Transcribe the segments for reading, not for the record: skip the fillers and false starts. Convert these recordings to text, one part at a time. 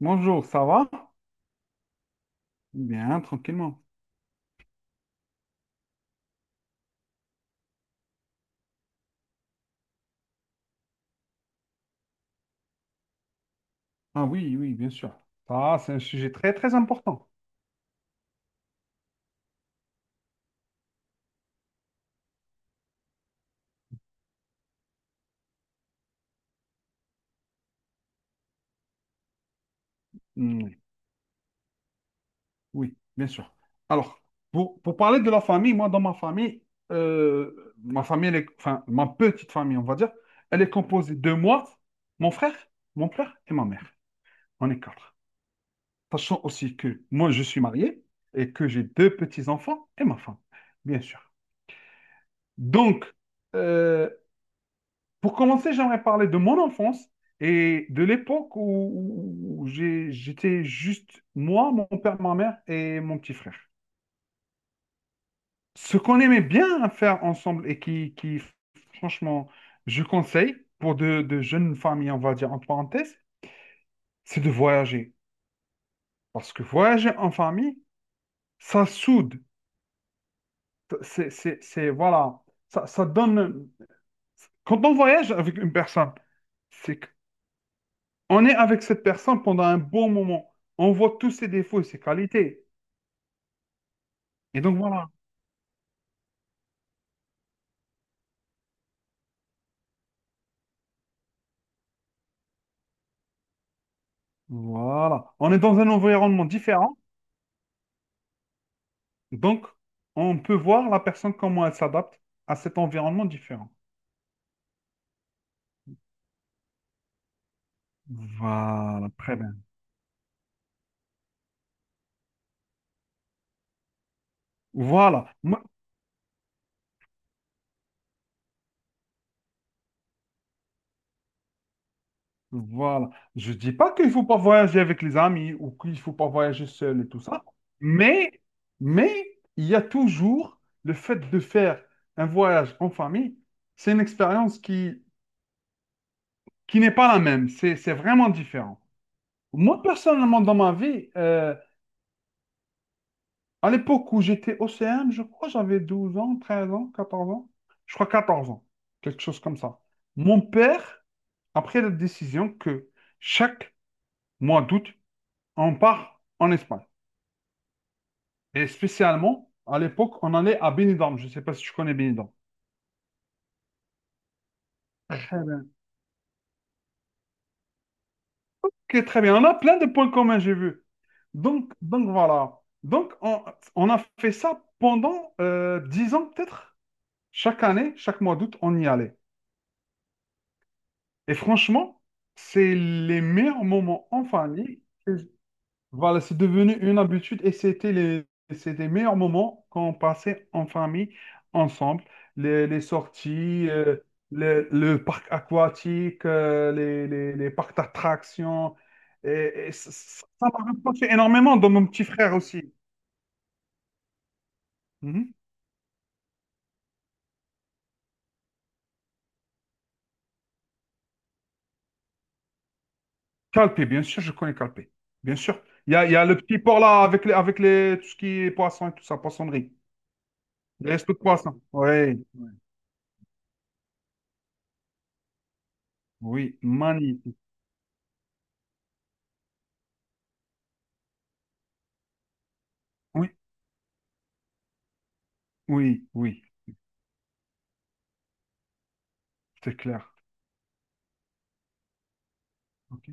Bonjour, ça va? Bien, tranquillement. Ah oui, oui, bien sûr. Ça, c'est un sujet très, très important. Mm, oui, bien sûr. Alors, pour parler de la famille, moi, dans ma famille, enfin, ma petite famille, on va dire, elle est composée de moi, mon frère, mon père et ma mère. On est quatre. Sachant aussi que moi, je suis marié et que j'ai deux petits-enfants et ma femme, bien sûr. Donc, euh, Pour commencer, j'aimerais parler de mon enfance et de l'époque où j'étais juste moi, mon père, ma mère et mon petit frère. Ce qu'on aimait bien faire ensemble et qui, franchement, je conseille pour de jeunes familles, on va dire en parenthèse, c'est de voyager. Parce que voyager en famille, ça soude. Voilà, ça, ça donne. Quand on voyage avec une personne, c'est on est avec cette personne pendant un bon moment. On voit tous ses défauts et ses qualités. Et donc voilà. Voilà. On est dans un environnement différent. Donc, on peut voir la personne comment elle s'adapte à cet environnement différent. Voilà, très bien. Voilà. Moi, voilà. Je ne dis pas qu'il ne faut pas voyager avec les amis ou qu'il ne faut pas voyager seul et tout ça. Mais, mais, il y a toujours le fait de faire un voyage en famille. C'est une expérience qui n'est pas la même. C'est vraiment différent. Moi, personnellement, dans ma vie, à l'époque où j'étais au OCM, je crois, j'avais 12 ans, 13 ans, 14 ans. Je crois 14 ans, quelque chose comme ça. Mon père a pris la décision que chaque mois d'août, on part en Espagne. Et spécialement, à l'époque, on allait à Benidorm. Je ne sais pas si tu connais Benidorm. Très bien. Ok, très bien. On a plein de points communs, j'ai vu. Donc, voilà. Donc, on a fait ça pendant 10 ans, peut-être. Chaque année, chaque mois d'août, on y allait. Et franchement, c'est les meilleurs moments en famille. Et voilà, c'est devenu une habitude et c'est les meilleurs moments qu'on passait en famille ensemble. Les sorties, le parc aquatique, les parcs d'attractions. Et, et, ça ça m'a rapproché énormément de mon petit frère aussi. Mhm. Calpé, bien sûr, je connais Calpé. Bien sûr. Il y a le petit port là avec les, tout ce qui est poisson et tout ça, poissonnerie. Les restos de poisson. Oui. Oui, magnifique. Oui, oui, oui, c'est clair. Ok.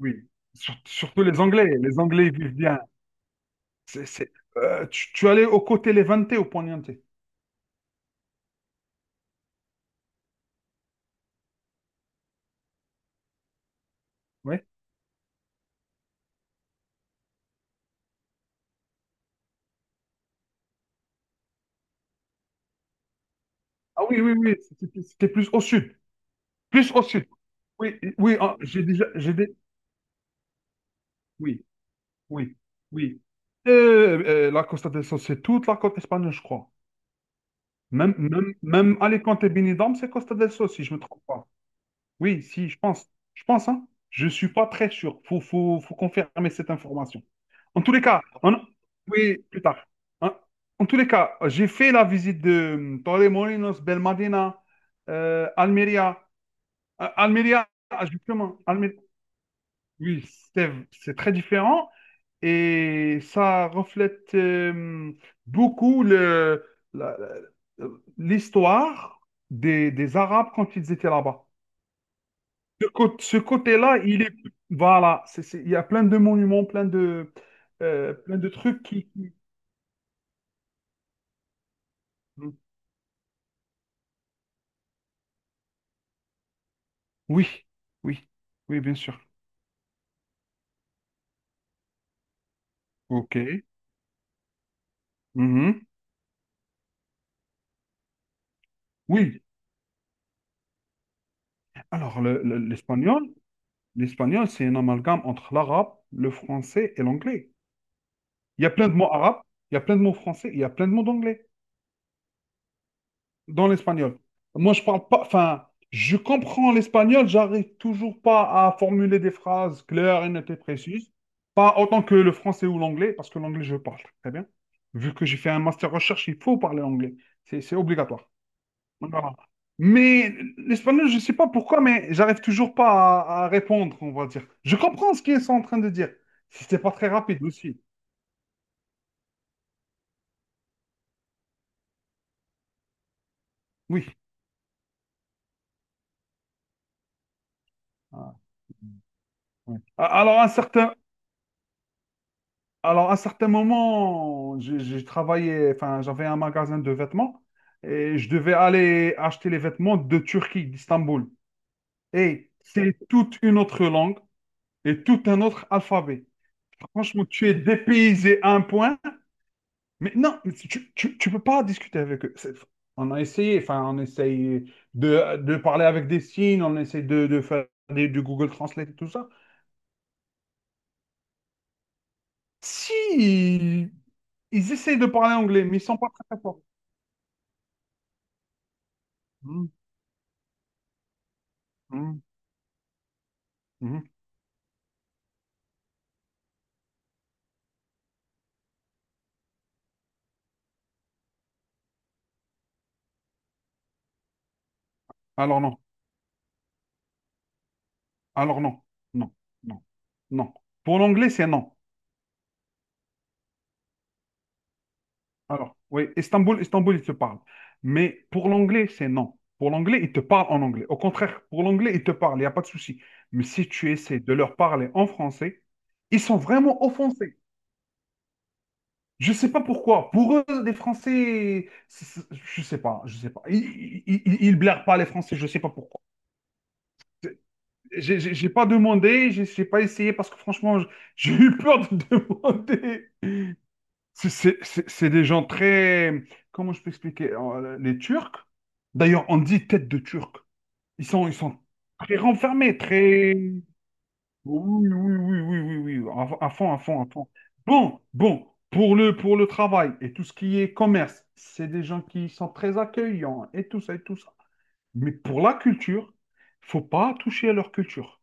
Oui. Surtout les Anglais. Les Anglais ils vivent bien. C'est, c'est- tu allais au côté Levante au Poniente. Oui. Ah oui, oui, oui. C'était plus au sud. Plus au sud. Oui, oui, ah, j'ai déjà. Oui, oui, oui. La Costa del Sol, c'est toute la côte espagnole, je crois. Même Alicante et Benidorm, c'est Costa del Sol, si je me trompe pas. Oui, si, je pense. Je pense, hein. Je suis pas très sûr. Faut confirmer cette information. En tous les cas, oui, plus tard. En, en tous les cas, j'ai fait la visite de Torremolinos, Belmadina, Almeria. Almeria, justement. Oui, c'est très différent et ça reflète beaucoup la- la- l'histoire des Arabes quand ils étaient là-bas. Ce côté-là, il est. Voilà, il y a plein de monuments, plein de trucs. Mmh. Oui, oui, oui, bien sûr. OK. Mhm. Oui. Alors, l'espagnol, c'est un amalgame entre l'arabe, le français et l'anglais. Il y a plein de mots arabes, il y a plein de mots français, il y a plein de mots d'anglais dans l'espagnol. Moi, je parle pas, enfin, je comprends l'espagnol, j'arrive toujours pas à formuler des phrases claires et nettes et précises, pas autant que le français ou l'anglais, parce que l'anglais, je parle très bien. Vu que j'ai fait un master recherche, il faut parler anglais, c'est obligatoire. Voilà. Mais l'espagnol, je sais pas pourquoi, mais j'arrive toujours pas à répondre, on va dire. Je comprends ce qu'ils sont en train de dire. C'était pas très rapide aussi. Oui. Ah, ouais. Alors, à certains moments, j'ai travaillé, enfin, j'avais un magasin de vêtements et je devais aller acheter les vêtements de Turquie, d'Istanbul. Et c'est toute une autre langue et tout un autre alphabet. Franchement, tu es dépaysé à un point, mais non, mais tu peux pas discuter avec eux. On a essayé, enfin, on essaye de parler avec des signes, on essaye de faire du Google Translate et tout ça. Si, ils essayent de parler anglais, mais ils sont pas très, très forts. Hmm, hmm. Mhm. Alors non. Alors non. Non. Non. Non. Pour l'anglais, c'est non. Alors, oui, Istanbul, Istanbul, il te parle. Mais pour l'anglais, c'est non. Pour l'anglais, il te parle en anglais. Au contraire, pour l'anglais, il te parle, il n'y a pas de souci. Mais si tu essaies de leur parler en français, ils sont vraiment offensés. Je ne sais pas pourquoi. Pour eux, les Français, je ne sais pas, je sais pas. Ils ils blairent pas les Français, je ne sais pas pourquoi. J'ai pas demandé, j'ai pas essayé parce que franchement, j'ai eu peur de demander. C'est des gens très. Comment je peux expliquer? Les Turcs, d'ailleurs, on dit tête de Turc. Ils sont très renfermés, très. Oui, oui, oui, oui, oui, oui, oui, à fond, à fond, à fond. Bon, pour le travail et tout ce qui est commerce, c'est des gens qui sont très accueillants et tout ça et tout ça. Mais pour la culture, faut pas toucher à leur culture.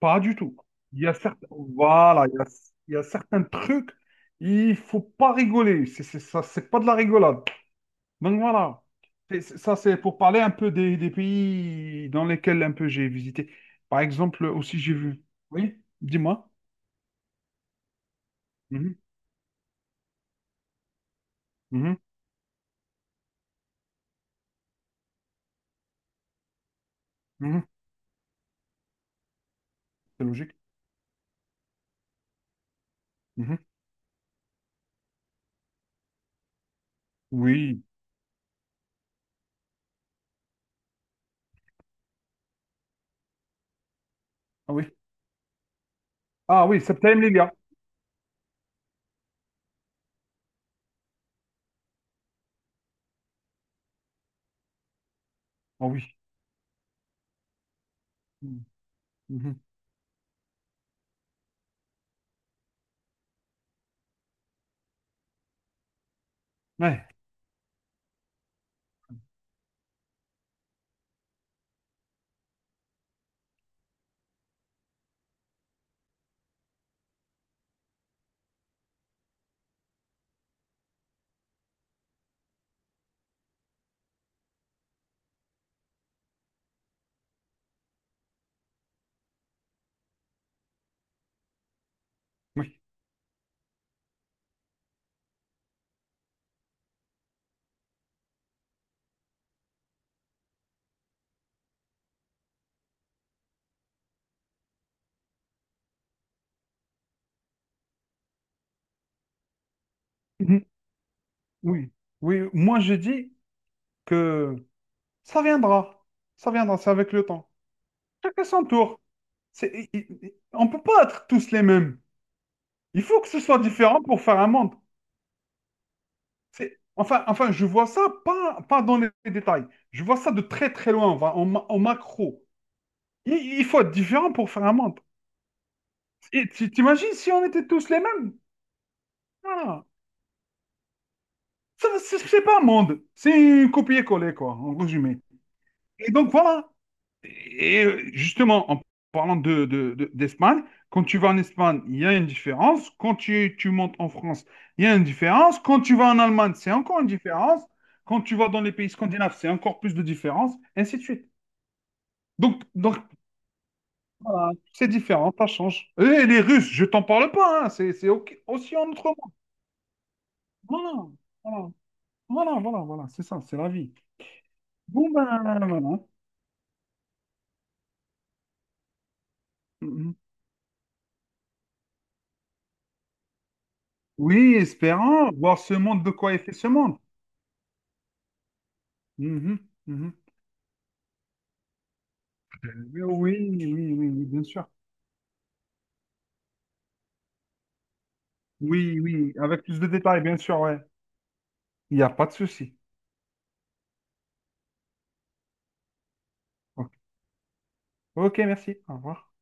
Pas du tout. Il y a certains, voilà, il y a certains trucs, il faut pas rigoler. C'est ça, c'est pas de la rigolade. Donc voilà. Ça, c'est pour parler un peu des pays dans lesquels un peu j'ai visité. Par exemple, aussi j'ai vu. Oui, dis-moi. Mhm, mhm, mhm. C'est logique. Mhm. Oui. Ah oui. Ah oui, Septem Lilia. Ah oui. Mhm, mhm. Ouais, oui. Mhm, oui. Oui. Moi, je dis que ça viendra. Ça viendra, c'est avec le temps. Chacun son tour. On ne peut pas être tous les mêmes. Il faut que ce soit différent pour faire un monde. Enfin, je vois ça pas dans les détails. Je vois ça de très très loin, enfin, en macro. Il faut être différent pour faire un monde. Et t'imagines si on était tous les mêmes? Ah, ça, c'est pas un monde. C'est une copier-coller, quoi, en résumé. Et donc voilà. Et justement, en parlant d'Espagne, quand tu vas en Espagne, il y a une différence. Quand tu montes en France, il y a une différence. Quand tu vas en Allemagne, c'est encore une différence. Quand tu vas dans les pays scandinaves, c'est encore plus de différence, ainsi de suite. Donc, voilà, c'est différent, ça change. Et les Russes, je t'en parle pas, hein, c'est aussi en autre monde. Voilà, voilà, voilà, voilà, voilà, c'est ça, c'est la vie. Bon, ben voilà. Mhm. Oui, espérant voir ce monde de quoi est fait ce monde. Mhm, mhm. Oui, oui, oui, oui, oui, bien sûr. Oui, oui, avec plus de détails, bien sûr, ouais. Il n'y a pas de souci. Ok, ok, merci. Au revoir.